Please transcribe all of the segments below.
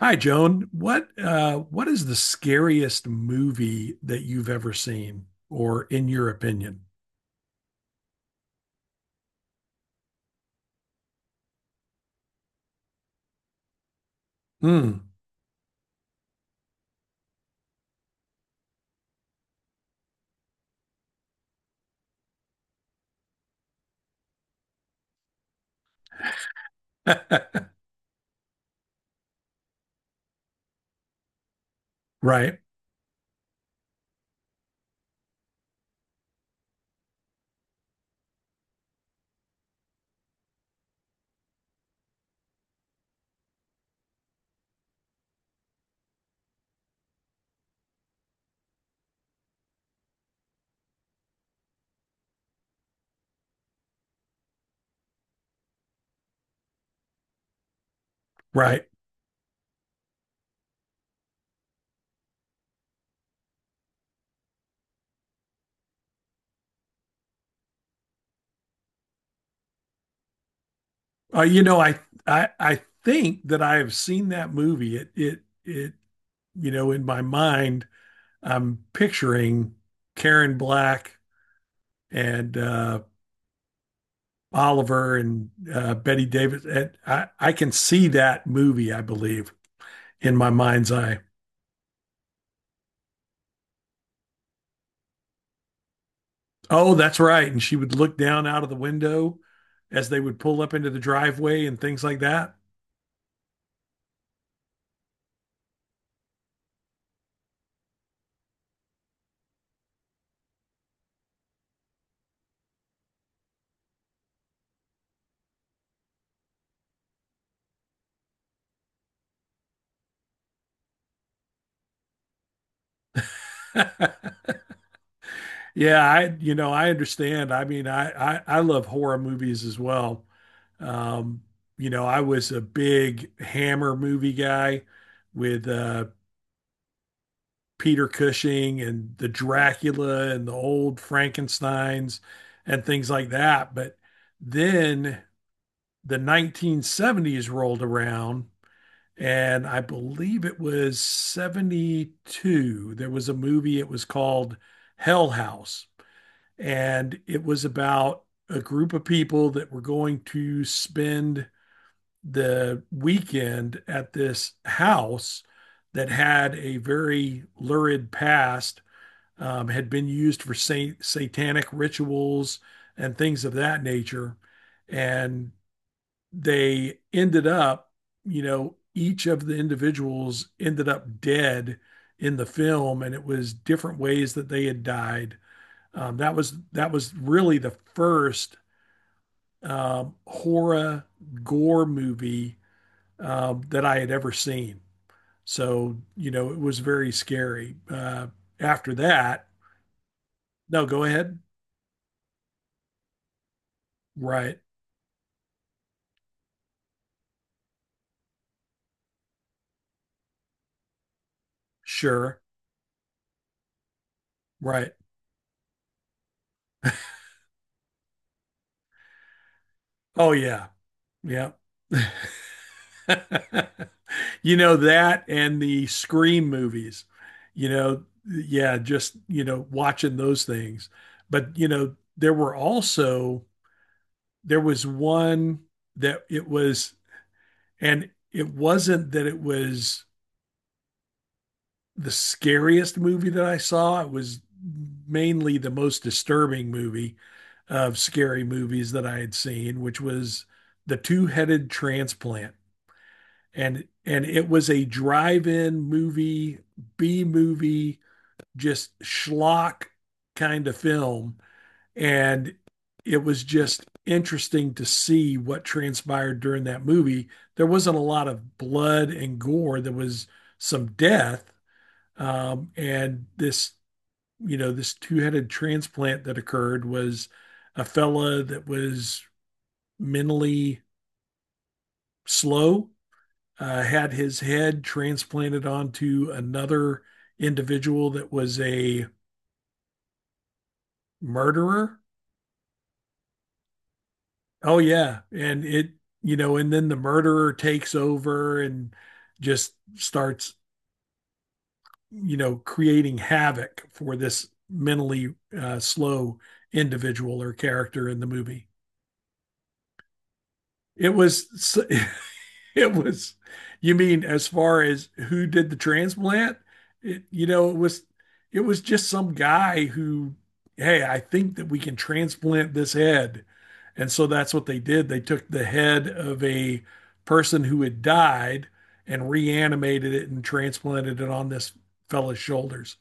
Hi, Joan. What is the scariest movie that you've ever seen, or in your opinion? Hmm. Right, right. Uh, you know, I I think that I have seen that movie. It. You know, in my mind, I'm picturing Karen Black and Oliver and Betty Davis. And I can see that movie, I believe, in my mind's eye. Oh, that's right. And she would look down out of the window as they would pull up into the driveway and things like that. Yeah, I understand. I mean, I love horror movies as well. Um, you know, I was a big Hammer movie guy with Peter Cushing and the Dracula and the old Frankensteins and things like that. But then the 1970s rolled around. And I believe it was 72. There was a movie, it was called Hell House. And it was about a group of people that were going to spend the weekend at this house that had a very lurid past, had been used for satanic rituals and things of that nature. And they ended up, you know, each of the individuals ended up dead in the film, and it was different ways that they had died. That was really the first horror gore movie that I had ever seen. So, you know, it was very scary. After that, no, go ahead. Right. Sure. Right. Oh, yeah. Yeah. You know, that and the Scream movies. You know, yeah, just, you know, watching those things. But, you know, there were also there was one that it was, and it wasn't that it was the scariest movie that I saw. It was mainly the most disturbing movie of scary movies that I had seen, which was The Two-Headed Transplant. And it was a drive-in movie, B movie, just schlock kind of film, and it was just interesting to see what transpired during that movie. There wasn't a lot of blood and gore. There was some death, and this you know this two-headed transplant that occurred was a fella that was mentally slow, had his head transplanted onto another individual that was a murderer. Oh yeah, and it you know, and then the murderer takes over and just starts you know creating havoc for this mentally slow individual or character in the movie. It was it was, you mean as far as who did the transplant? It, you know, it was just some guy who, hey, I think that we can transplant this head. And so that's what they did. They took the head of a person who had died and reanimated it and transplanted it on this fella's shoulders.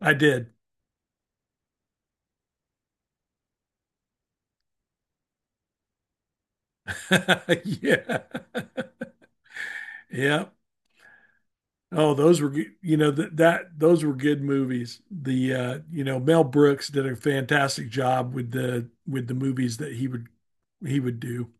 I did. Yeah. Yeah. Oh, those were you know that those were good movies. The you know Mel Brooks did a fantastic job with the movies that he would do.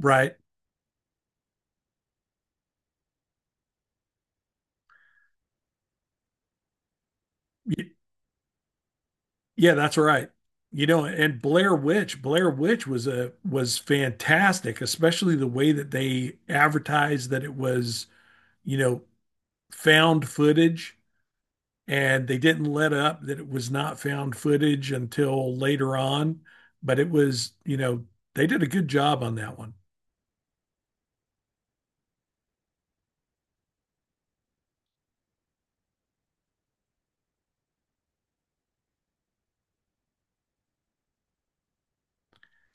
Right? Y- Yeah, that's right. You know, and Blair Witch, Blair Witch was a was fantastic, especially the way that they advertised that it was, you know, found footage, and they didn't let up that it was not found footage until later on. But it was, you know, they did a good job on that one.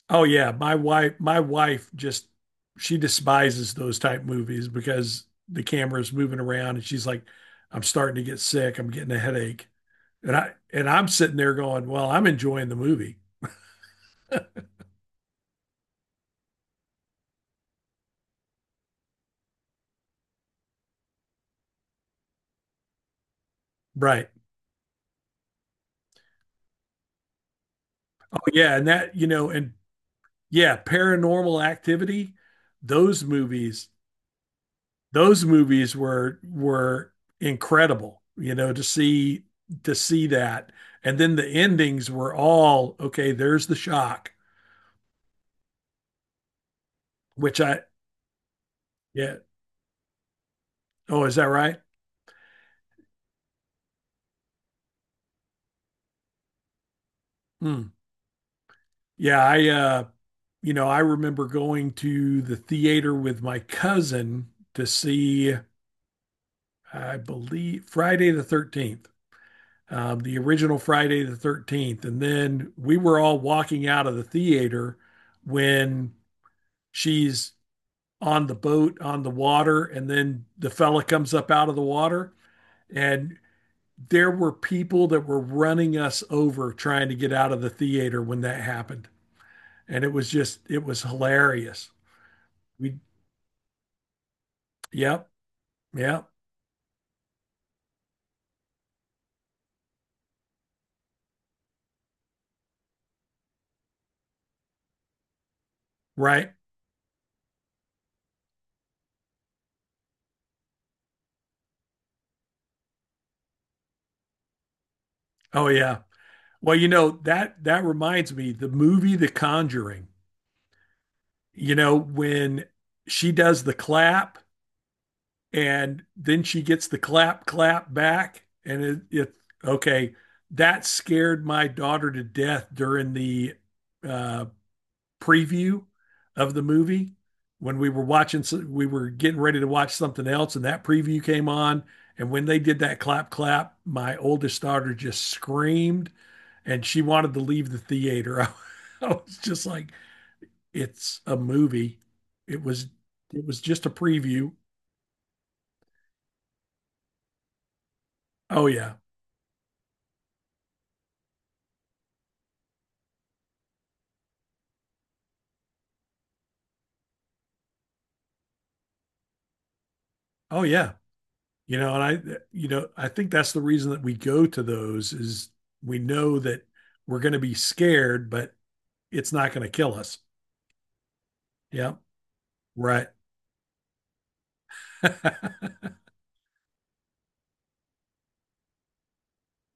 Oh yeah, my wife just she despises those type movies because the camera's moving around, and she's like, I'm starting to get sick, I'm getting a headache. And I'm sitting there going, well, I'm enjoying the movie. Right. Oh yeah, and that you know and yeah, paranormal activity, those movies those movies were incredible, you know, to see, to see that. And then the endings were all okay, there's the shock, which I, yeah. Oh, is that right? Hmm. Yeah, I you know, I remember going to the theater with my cousin to see, I believe, Friday the 13th, the original Friday the 13th. And then we were all walking out of the theater when she's on the boat on the water, and then the fella comes up out of the water. And there were people that were running us over trying to get out of the theater when that happened, and it was just, it was hilarious. We, yep, yep. Right. Oh yeah, well, you know, that reminds me, the movie The Conjuring, you know, when she does the clap, and then she gets the clap clap back, and it okay, that scared my daughter to death during the uh preview of the movie, when we were watching we were getting ready to watch something else, and that preview came on. And when they did that clap clap, my oldest daughter just screamed and she wanted to leave the theater. I was just like, it's a movie, it was, it was just a preview. Oh yeah. Oh yeah. You know, and I, you know, I think that's the reason that we go to those is we know that we're going to be scared, but it's not going to kill us. Yeah. Right.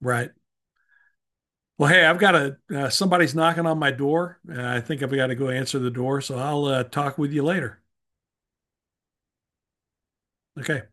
Right. Well, hey, I've got a somebody's knocking on my door. I think I've got to go answer the door, so I'll talk with you later. Okay.